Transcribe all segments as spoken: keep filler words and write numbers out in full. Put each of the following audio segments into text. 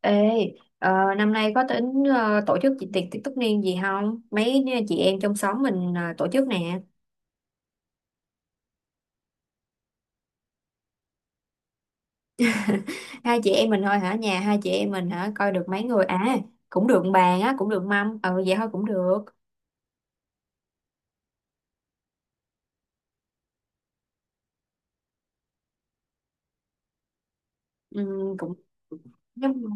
Ê, ờ, năm nay có tính ờ, tổ chức chị tiệc tiệc tất niên gì không? Mấy chị em trong xóm mình ờ, tổ chức nè. Hai chị em mình thôi hả? Nhà hai chị em mình hả? Coi được mấy người à? Cũng được bàn á, cũng được mâm. Ừ vậy thôi cũng được. Ừ, cũng nhưng mà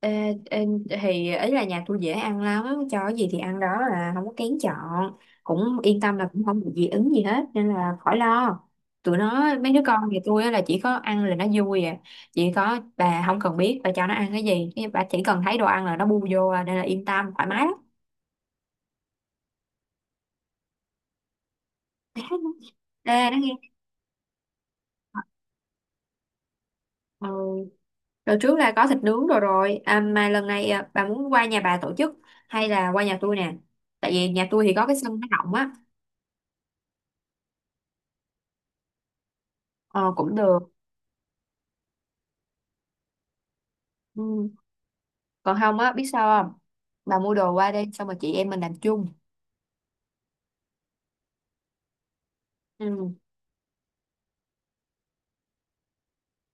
Ê, ê, thì ấy là nhà tôi dễ ăn lắm, cho cái gì thì ăn đó, là không có kén chọn, cũng yên tâm là cũng không bị dị ứng gì hết nên là khỏi lo. Tụi nó mấy đứa con nhà tôi á là chỉ có ăn là nó vui à. Chỉ có bà không cần biết bà cho nó ăn cái gì, cái bà chỉ cần thấy đồ ăn là nó bu vô à, nên là yên tâm thoải mái lắm. Ê, nó nghe ừ. Rồi trước là có thịt nướng rồi rồi à, mà lần này à, bà muốn qua nhà bà tổ chức hay là qua nhà tôi nè, tại vì nhà tôi thì có cái sân nó rộng á. ờ, cũng được. Ừ. Còn không á biết sao không, bà mua đồ qua đây xong rồi chị em mình làm chung. ừ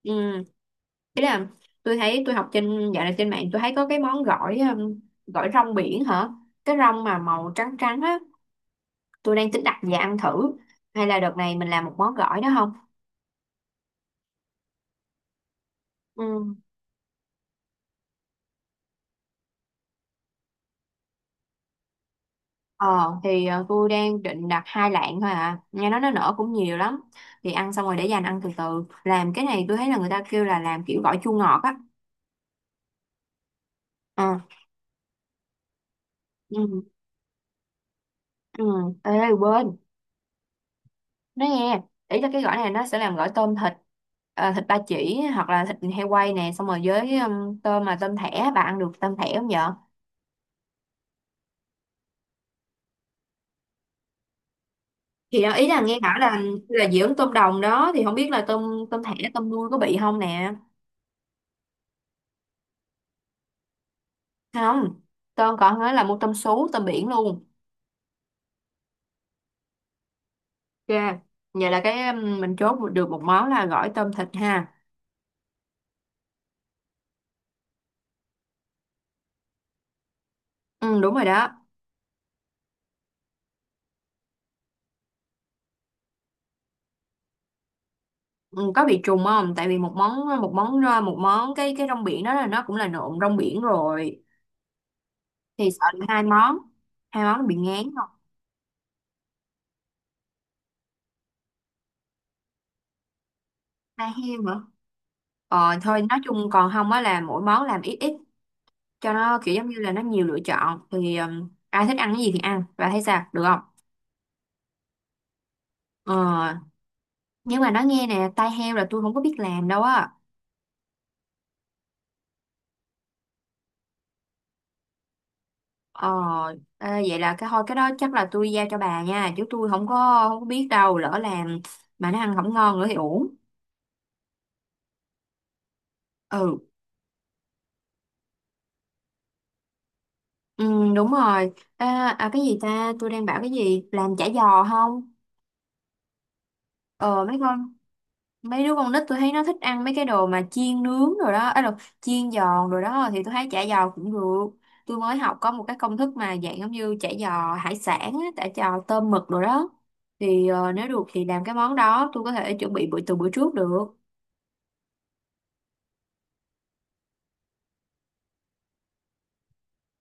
ừ Thế là tôi thấy tôi học trên, dạo này trên mạng tôi thấy có cái món gỏi, um, gỏi rong biển hả, cái rong mà màu trắng trắng á, tôi đang tính đặt về ăn thử. Hay là đợt này mình làm một món gỏi đó không? Ừ. Ờ thì ờ, tôi đang định đặt hai lạng thôi à, nghe nói nó nở cũng nhiều lắm, thì ăn xong rồi để dành ăn từ từ. Làm cái này tôi thấy là người ta kêu là làm kiểu gỏi chua ngọt á. Ờ. ừ ừ ê quê nói nghe, ý là cái gỏi này nó sẽ làm gỏi tôm thịt, ờ, thịt ba chỉ hoặc là thịt heo quay nè, xong rồi với um, tôm, mà tôm thẻ bà ăn được tôm thẻ không vợ? Thì đó, ý là nghe bảo là là dưỡng tôm đồng đó, thì không biết là tôm tôm thẻ tôm nuôi có bị không nè. Không, tôm còn nói là mua tôm sú tôm biển luôn. Ok, vậy là cái um, mình chốt được một món là gỏi tôm thịt ha. Ừ đúng rồi đó. Ừ, có bị trùng không, tại vì một món một món ờ, một món cái cái rong biển đó là nó cũng là nộm rong biển rồi, thì sợ là hai món, hai món nó bị ngán không. Hai heo nữa. Ờ thôi nói chung còn không á là mỗi món làm ít ít, cho nó kiểu giống như là nó nhiều lựa chọn, thì um, ai thích ăn cái gì thì ăn và thấy sao, được không? Ờ nhưng mà nói nghe nè, tai heo là tôi không có biết làm đâu á. Ờ, à, vậy là cái thôi cái đó chắc là tôi giao cho bà nha, chứ tôi không có, không có biết, đâu lỡ làm mà nó ăn không ngon nữa thì uổng. Ừ. Ừ đúng rồi. À, à cái gì ta, tôi đang bảo cái gì làm chả giò không. ờ mấy con Mấy đứa con nít tôi thấy nó thích ăn mấy cái đồ mà chiên nướng rồi đó, ấy là chiên giòn rồi đó, thì tôi thấy chả giò cũng được. Tôi mới học có một cái công thức mà dạng giống như chả giò hải sản á, chả giò tôm mực rồi đó, thì ờ, nếu được thì làm cái món đó, tôi có thể chuẩn bị bữa từ bữa trước được.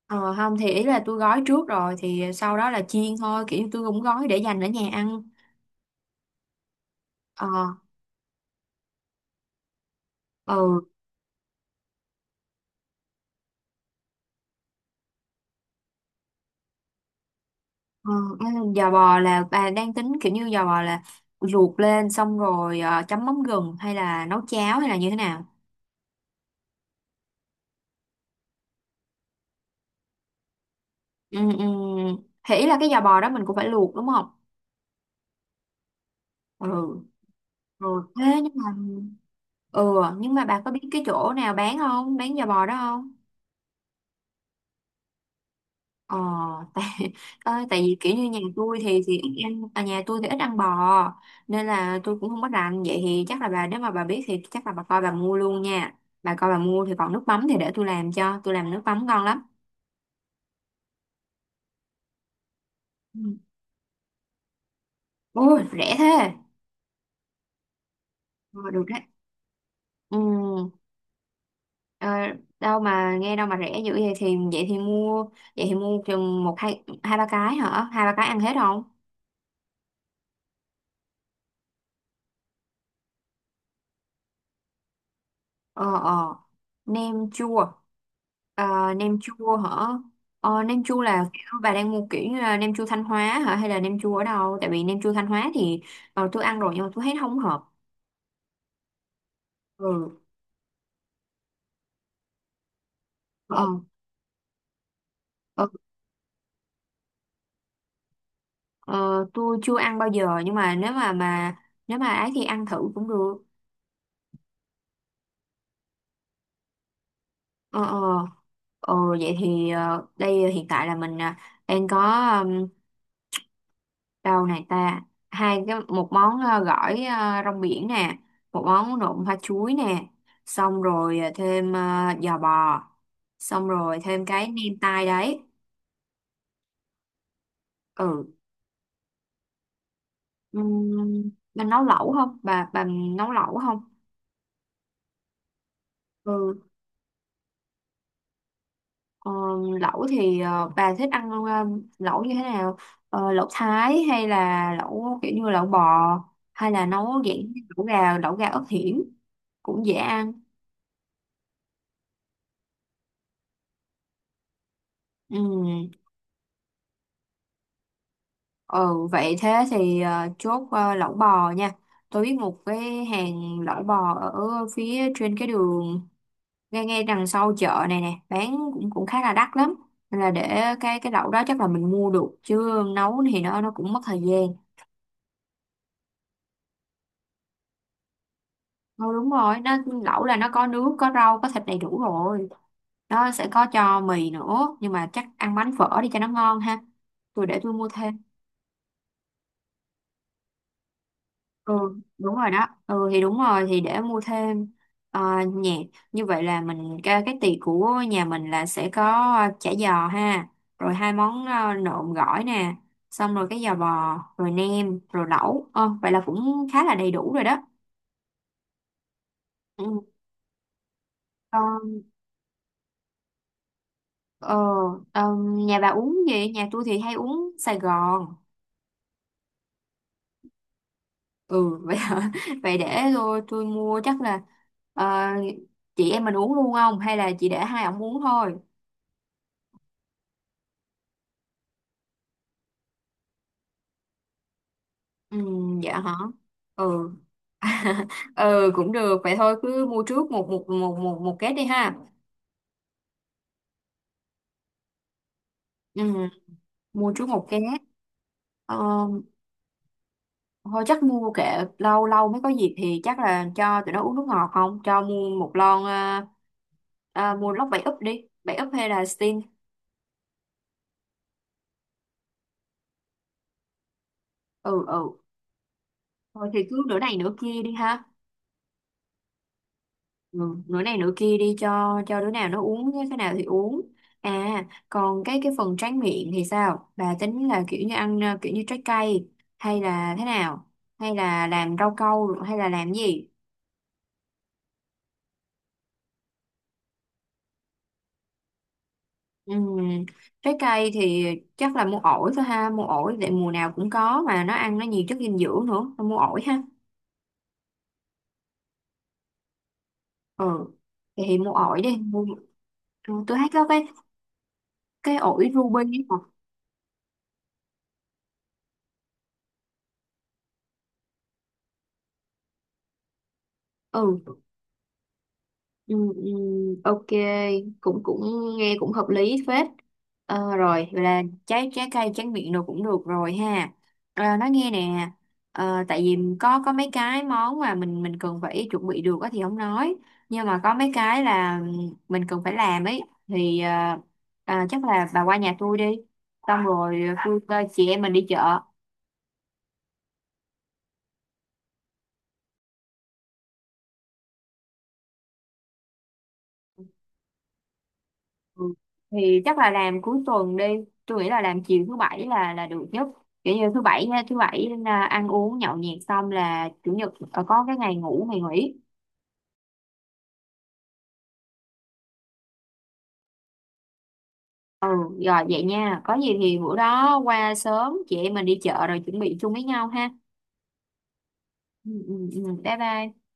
ờ, Không thì ý là tôi gói trước rồi thì sau đó là chiên thôi, kiểu như tôi cũng gói để dành ở nhà ăn. Ờ. Ừ. ờ, Giò bò là bà đang tính kiểu như giò bò là luộc lên xong rồi ờ, chấm mắm gừng hay là nấu cháo hay là như thế nào? Ừ, ừ. Thì ý là cái giò bò đó mình cũng phải luộc đúng không? Ừ. Ừ. Thế nhưng mà, ừ nhưng mà bà có biết cái chỗ nào bán không? Bán giò bò đó không? Ờ, tại ờ, tại vì kiểu như nhà tôi thì thì ít ăn à, nhà tôi thì ít ăn bò, nên là tôi cũng không có rành. Vậy thì chắc là bà nếu mà bà biết thì chắc là bà coi bà mua luôn nha. Bà coi bà mua thì còn nước mắm thì để tôi làm cho, tôi làm nước mắm ngon lắm. Ừ. Ôi rẻ thế. Ờ, được đấy. Ừ. Ờ, đâu mà nghe đâu mà rẻ dữ vậy, thì vậy thì mua, vậy thì mua chừng một hai hai ba cái hả? Hai ba cái ăn hết không? ờ ờ nem chua Ờ, nem chua hả? Ờ, nem chua là kiểu bà đang mua kiểu như là nem chua Thanh Hóa hả, hay là nem chua ở đâu? Tại vì nem chua Thanh Hóa thì ờ, tôi ăn rồi nhưng mà tôi thấy nó không hợp. Ừ. ờ, ờ, ờ, tôi chưa ăn bao giờ nhưng mà nếu mà mà nếu mà ấy thì ăn thử cũng được. ờ ờ Ừ, vậy thì ờ, đây hiện tại là mình ờ, đang có, um, đâu này ta, hai cái một món ờ, gỏi ờ, rong biển nè, một món nộm hoa chuối nè, xong rồi ờ, thêm ờ, giò bò, xong rồi thêm cái nem tai đấy. Ừ. Um, bà nấu lẩu không bà, bà nấu lẩu không? Ừ. Ờ, lẩu thì ờ, bà thích ăn ờ, lẩu như thế nào? Ờ, lẩu Thái hay là lẩu kiểu như lẩu bò, hay là nấu dạng như lẩu gà, lẩu gà ớt hiểm cũng dễ ăn. Ừ, ừ vậy thế thì ờ, chốt ờ, lẩu bò nha. Tôi biết một cái hàng lẩu bò ở phía trên cái đường, ngay ngay đằng sau chợ này nè, bán cũng cũng khá là đắt lắm. Nên là để cái cái lẩu đó chắc là mình mua được, chứ nấu thì nó nó cũng mất thời gian. Ừ, đúng rồi, nó lẩu là nó có nước có rau có thịt đầy đủ rồi, nó sẽ có cho mì nữa nhưng mà chắc ăn bánh phở đi cho nó ngon ha, tôi để tôi mua thêm. Ừ đúng rồi đó. Ừ thì đúng rồi thì để mua thêm. Ờ, nhạc Như vậy là mình cái, cái tiệc của nhà mình là sẽ có ờ, chả giò ha, rồi hai món ờ, nộm gỏi nè, xong rồi cái giò bò rồi nem rồi lẩu. ờ, Vậy là cũng khá là đầy đủ rồi đó. Ừ. Ờ, ờm, nhà bà uống gì? Nhà tôi thì hay uống Sài Gòn. Ừ, vậy hả? Vậy để tôi tôi mua, chắc là ờ, chị em mình uống luôn không? Hay là chị để hai ổng uống thôi? Ừ, dạ hả? Ừ. ừ cũng được. Vậy thôi cứ mua trước một một một một một két đi ha. Ừ, mua trước một két. Ờ, thôi chắc mua kệ, lâu lâu mới có dịp thì chắc là cho tụi nó uống nước ngọt, không cho mua một lon à, à, mua lốc bảy úp đi, bảy úp hay là Sting. Ừ. Ừ. Thôi thì cứ nửa này nửa kia đi ha. Ừ, nửa này nửa kia đi cho cho đứa nào nó uống cái nào thì uống. À còn cái cái phần tráng miệng thì sao, bà tính là kiểu như ăn à, kiểu như trái cây hay là thế nào, hay là làm rau câu hay là làm gì? Ừ. Trái cây thì chắc là mua ổi thôi ha, mua ổi để mùa nào cũng có mà nó ăn nó nhiều chất dinh dưỡng nữa, thôi mua ổi ha. Ừ thì, mua ổi đi mua, tôi thấy có cái cái ổi ruby ấy mà. Ừ. Ừ, ừ, ok, cũng cũng nghe cũng hợp lý phết. Ờ, rồi vậy là trái trái cây tráng miệng đồ cũng được rồi ha. À, nói nghe nè, ờ, tại vì có có mấy cái món mà mình mình cần phải chuẩn bị được á thì không nói, nhưng mà có mấy cái là mình cần phải làm ấy, thì ờ, à, chắc là bà qua nhà tôi đi, xong rồi tôi tôi- chị em mình đi chợ. Ừ. Thì chắc là làm cuối tuần đi, tôi nghĩ là làm chiều thứ bảy là là được nhất, kiểu như thứ bảy thứ bảy à, ăn uống nhậu nhẹt xong là chủ nhật ờ, có cái ngày ngủ ngày nghỉ. Ừ. Rồi vậy nha, có gì thì bữa đó qua sớm chị em mình đi chợ rồi chuẩn bị chung với nhau ha. Ừ, ừ, ừ. Bye bye.